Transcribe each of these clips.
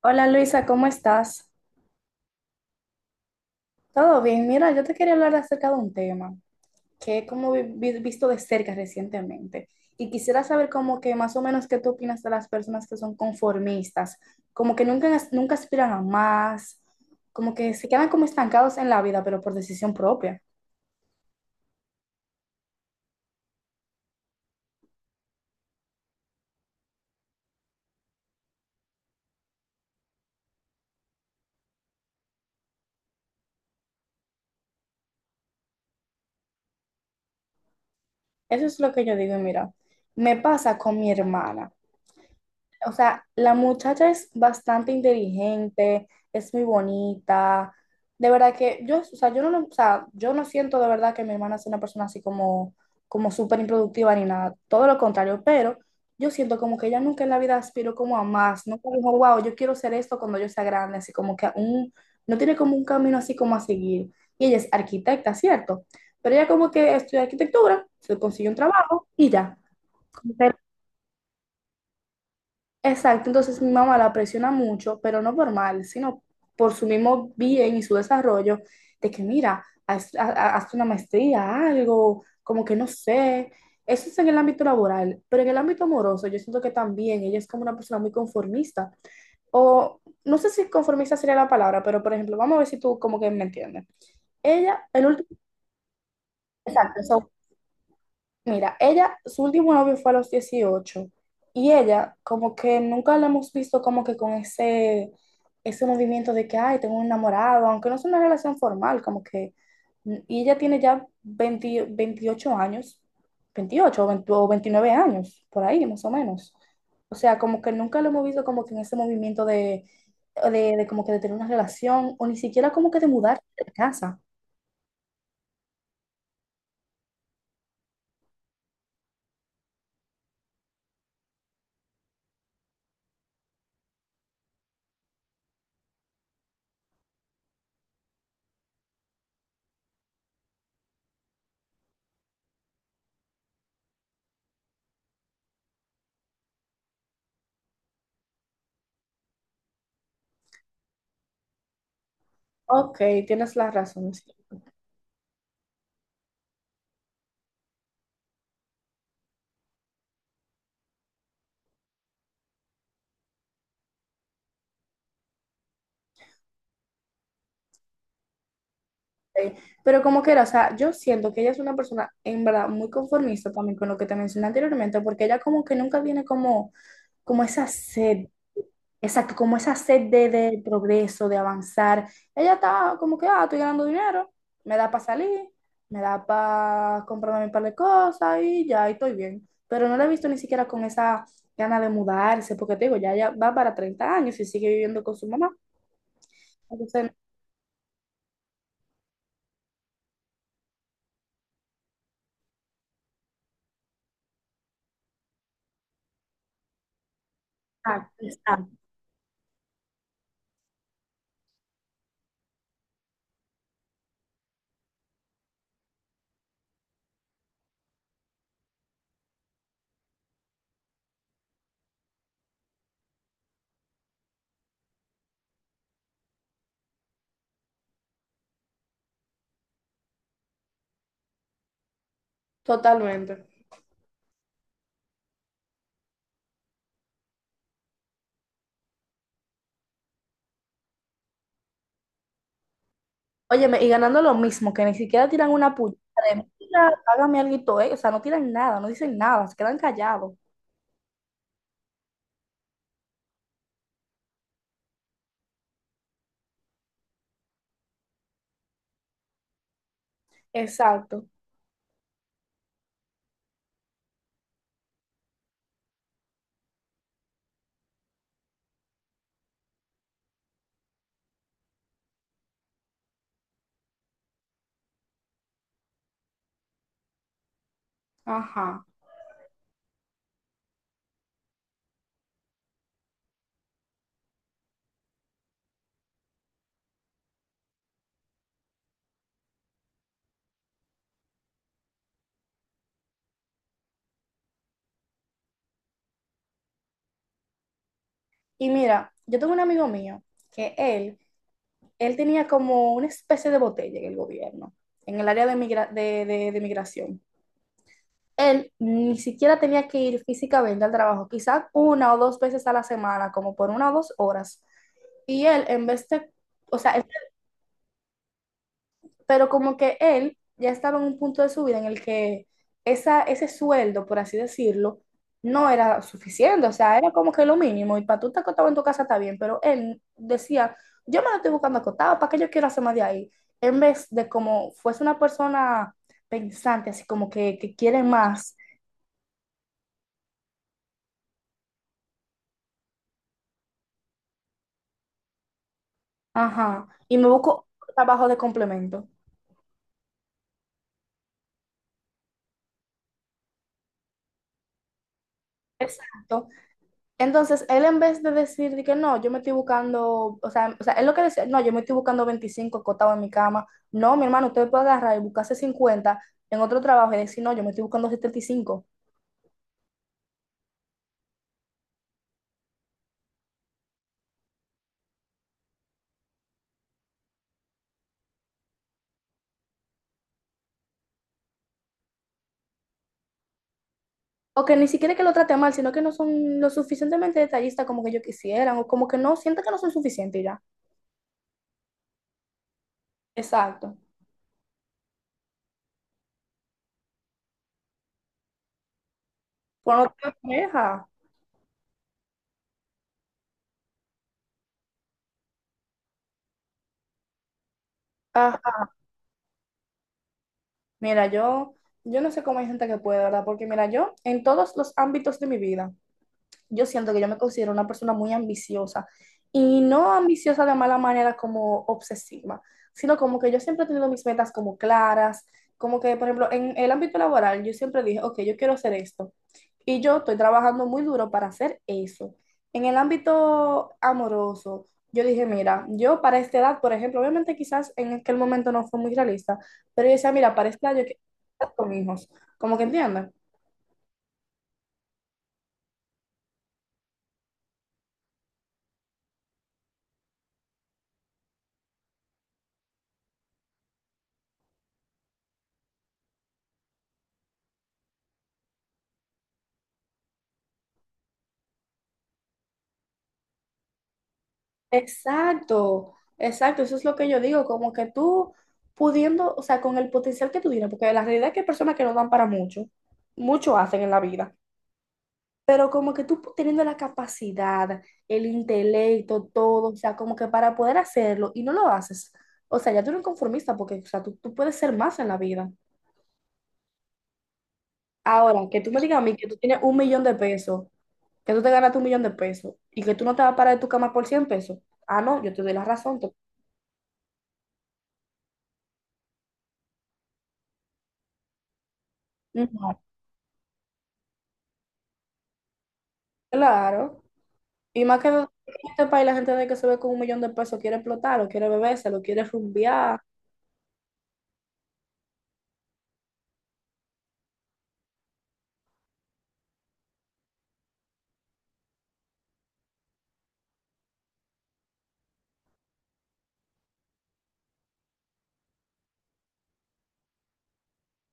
Hola Luisa, ¿cómo estás? ¿Todo bien? Mira, yo te quería hablar acerca de un tema que he como visto de cerca recientemente y quisiera saber como que más o menos qué tú opinas de las personas que son conformistas, como que nunca, nunca aspiran a más, como que se quedan como estancados en la vida, pero por decisión propia. Eso es lo que yo digo y mira, me pasa con mi hermana. O sea, la muchacha es bastante inteligente, es muy bonita. De verdad que yo, o sea, yo no, o sea, yo no siento de verdad que mi hermana sea una persona así como, como súper improductiva ni nada. Todo lo contrario, pero yo siento como que ella nunca en la vida aspiró como a más. Nunca dijo, wow, yo quiero ser esto cuando yo sea grande. Así como que aún no tiene como un camino así como a seguir. Y ella es arquitecta, ¿cierto? Pero ella como que estudió arquitectura, se consiguió un trabajo y ya. Exacto, entonces mi mamá la presiona mucho, pero no por mal, sino por su mismo bien y su desarrollo, de que mira, haz una maestría, algo, como que no sé. Eso es en el ámbito laboral, pero en el ámbito amoroso yo siento que también ella es como una persona muy conformista, o no sé si conformista sería la palabra, pero por ejemplo, vamos a ver si tú como que me entiendes. Ella, el último, exacto. Mira, ella, su último novio fue a los 18 y ella como que nunca la hemos visto como que con ese, ese movimiento de que, ay, tengo un enamorado, aunque no es una relación formal, como que, y ella tiene ya 20 28 años, 28 o 20 o 29 años, por ahí más o menos. O sea, como que nunca la hemos visto como que en ese movimiento de como que de tener una relación o ni siquiera como que de mudar de casa. Ok, tienes la razón, sí. Sí, pero como quiera o sea, yo siento que ella es una persona en verdad muy conformista también con lo que te mencioné anteriormente, porque ella como que nunca tiene como, como esa sed, exacto, como esa sed de progreso, de avanzar. Ella está como que, ah, estoy ganando dinero, me da para salir, me da para comprarme un par de cosas y ya, y estoy bien. Pero no la he visto ni siquiera con esa gana de mudarse, porque te digo, ya, ya va para 30 años y sigue viviendo con su mamá. Entonces, ah, está, totalmente. Óyeme, y ganando lo mismo, que ni siquiera tiran una puñada de mira, págame alguito, eh". O sea, no tiran nada, no dicen nada, se quedan callados. Exacto. Ajá. Y mira, yo tengo un amigo mío que él tenía como una especie de botella en el gobierno, en el área de, de migración. Él ni siquiera tenía que ir físicamente al trabajo, quizás una o dos veces a la semana, como por una o dos horas. Y él, en vez de, o sea, pero como que él ya estaba en un punto de su vida en el que esa, ese sueldo, por así decirlo, no era suficiente, o sea, era como que lo mínimo, y para tú estar acotado en tu casa está bien, pero él decía, yo me lo estoy buscando acotado, ¿para qué yo quiero hacer más de ahí? En vez de como fuese una persona pensante, así como que quiere más, ajá, y me busco trabajo de complemento. Exacto. Entonces, él en vez de decir de que no, yo me estoy buscando, o sea, él lo que decía, no, yo me estoy buscando 25 acotado en mi cama, no, mi hermano, usted puede agarrar y buscarse 50 en otro trabajo y decir, no, yo me estoy buscando 75. O que ni siquiera que lo trate mal, sino que no son lo suficientemente detallistas como que yo quisieran, o como que no sienten que no son suficientes y ya. Exacto. Pues no te deja. Ah, mira, yo no sé cómo hay gente que puede, ¿verdad? Porque mira, yo en todos los ámbitos de mi vida, yo siento que yo me considero una persona muy ambiciosa y no ambiciosa de mala manera como obsesiva, sino como que yo siempre he tenido mis metas como claras, como que, por ejemplo, en el ámbito laboral, yo siempre dije, ok, yo quiero hacer esto y yo estoy trabajando muy duro para hacer eso. En el ámbito amoroso, yo dije, mira, yo para esta edad, por ejemplo, obviamente quizás en aquel momento no fue muy realista, pero yo decía, mira, para esta edad yo quiero estar con hijos, como que entiendes. Exacto, exacto, eso es lo que yo digo, como que tú pudiendo, o sea, con el potencial que tú tienes, porque la realidad es que hay personas que no dan para mucho, mucho hacen en la vida, pero como que tú teniendo la capacidad, el intelecto, todo, o sea, como que para poder hacerlo y no lo haces, o sea, ya tú eres un conformista, porque, o sea, tú puedes ser más en la vida. Ahora, que tú me digas a mí que tú tienes un millón de pesos, que tú te ganaste un millón de pesos y que tú no te vas a parar de tu cama por 100 pesos, ah, no, yo te doy la razón. No, claro. Y más que en este país la gente de que se ve con un millón de pesos quiere explotarlo, quiere bebérselo, quiere rumbear.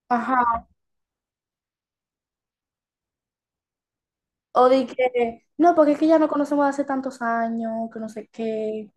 Ajá. O de que, no, porque es que ya no conocemos de hace tantos años, que no sé qué.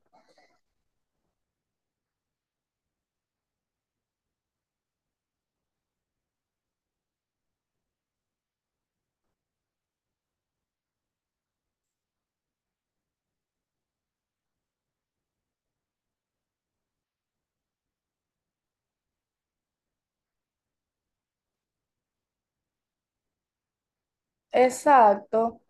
Exacto.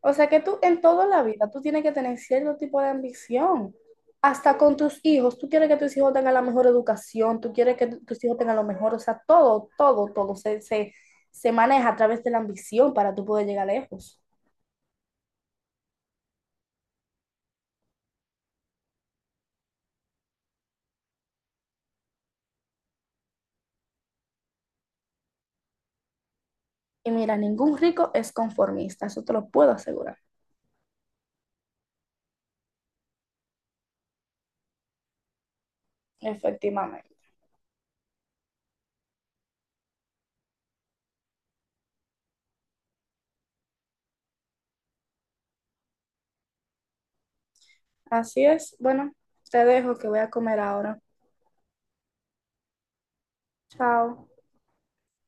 O sea que tú en toda la vida tú tienes que tener cierto tipo de ambición. Hasta con tus hijos, tú quieres que tus hijos tengan la mejor educación, tú quieres que tus hijos tengan lo mejor, o sea, todo, todo, todo se maneja a través de la ambición para tú poder llegar lejos. Y mira, ningún rico es conformista, eso te lo puedo asegurar. Efectivamente. Así es. Bueno, te dejo que voy a comer ahora. Chao.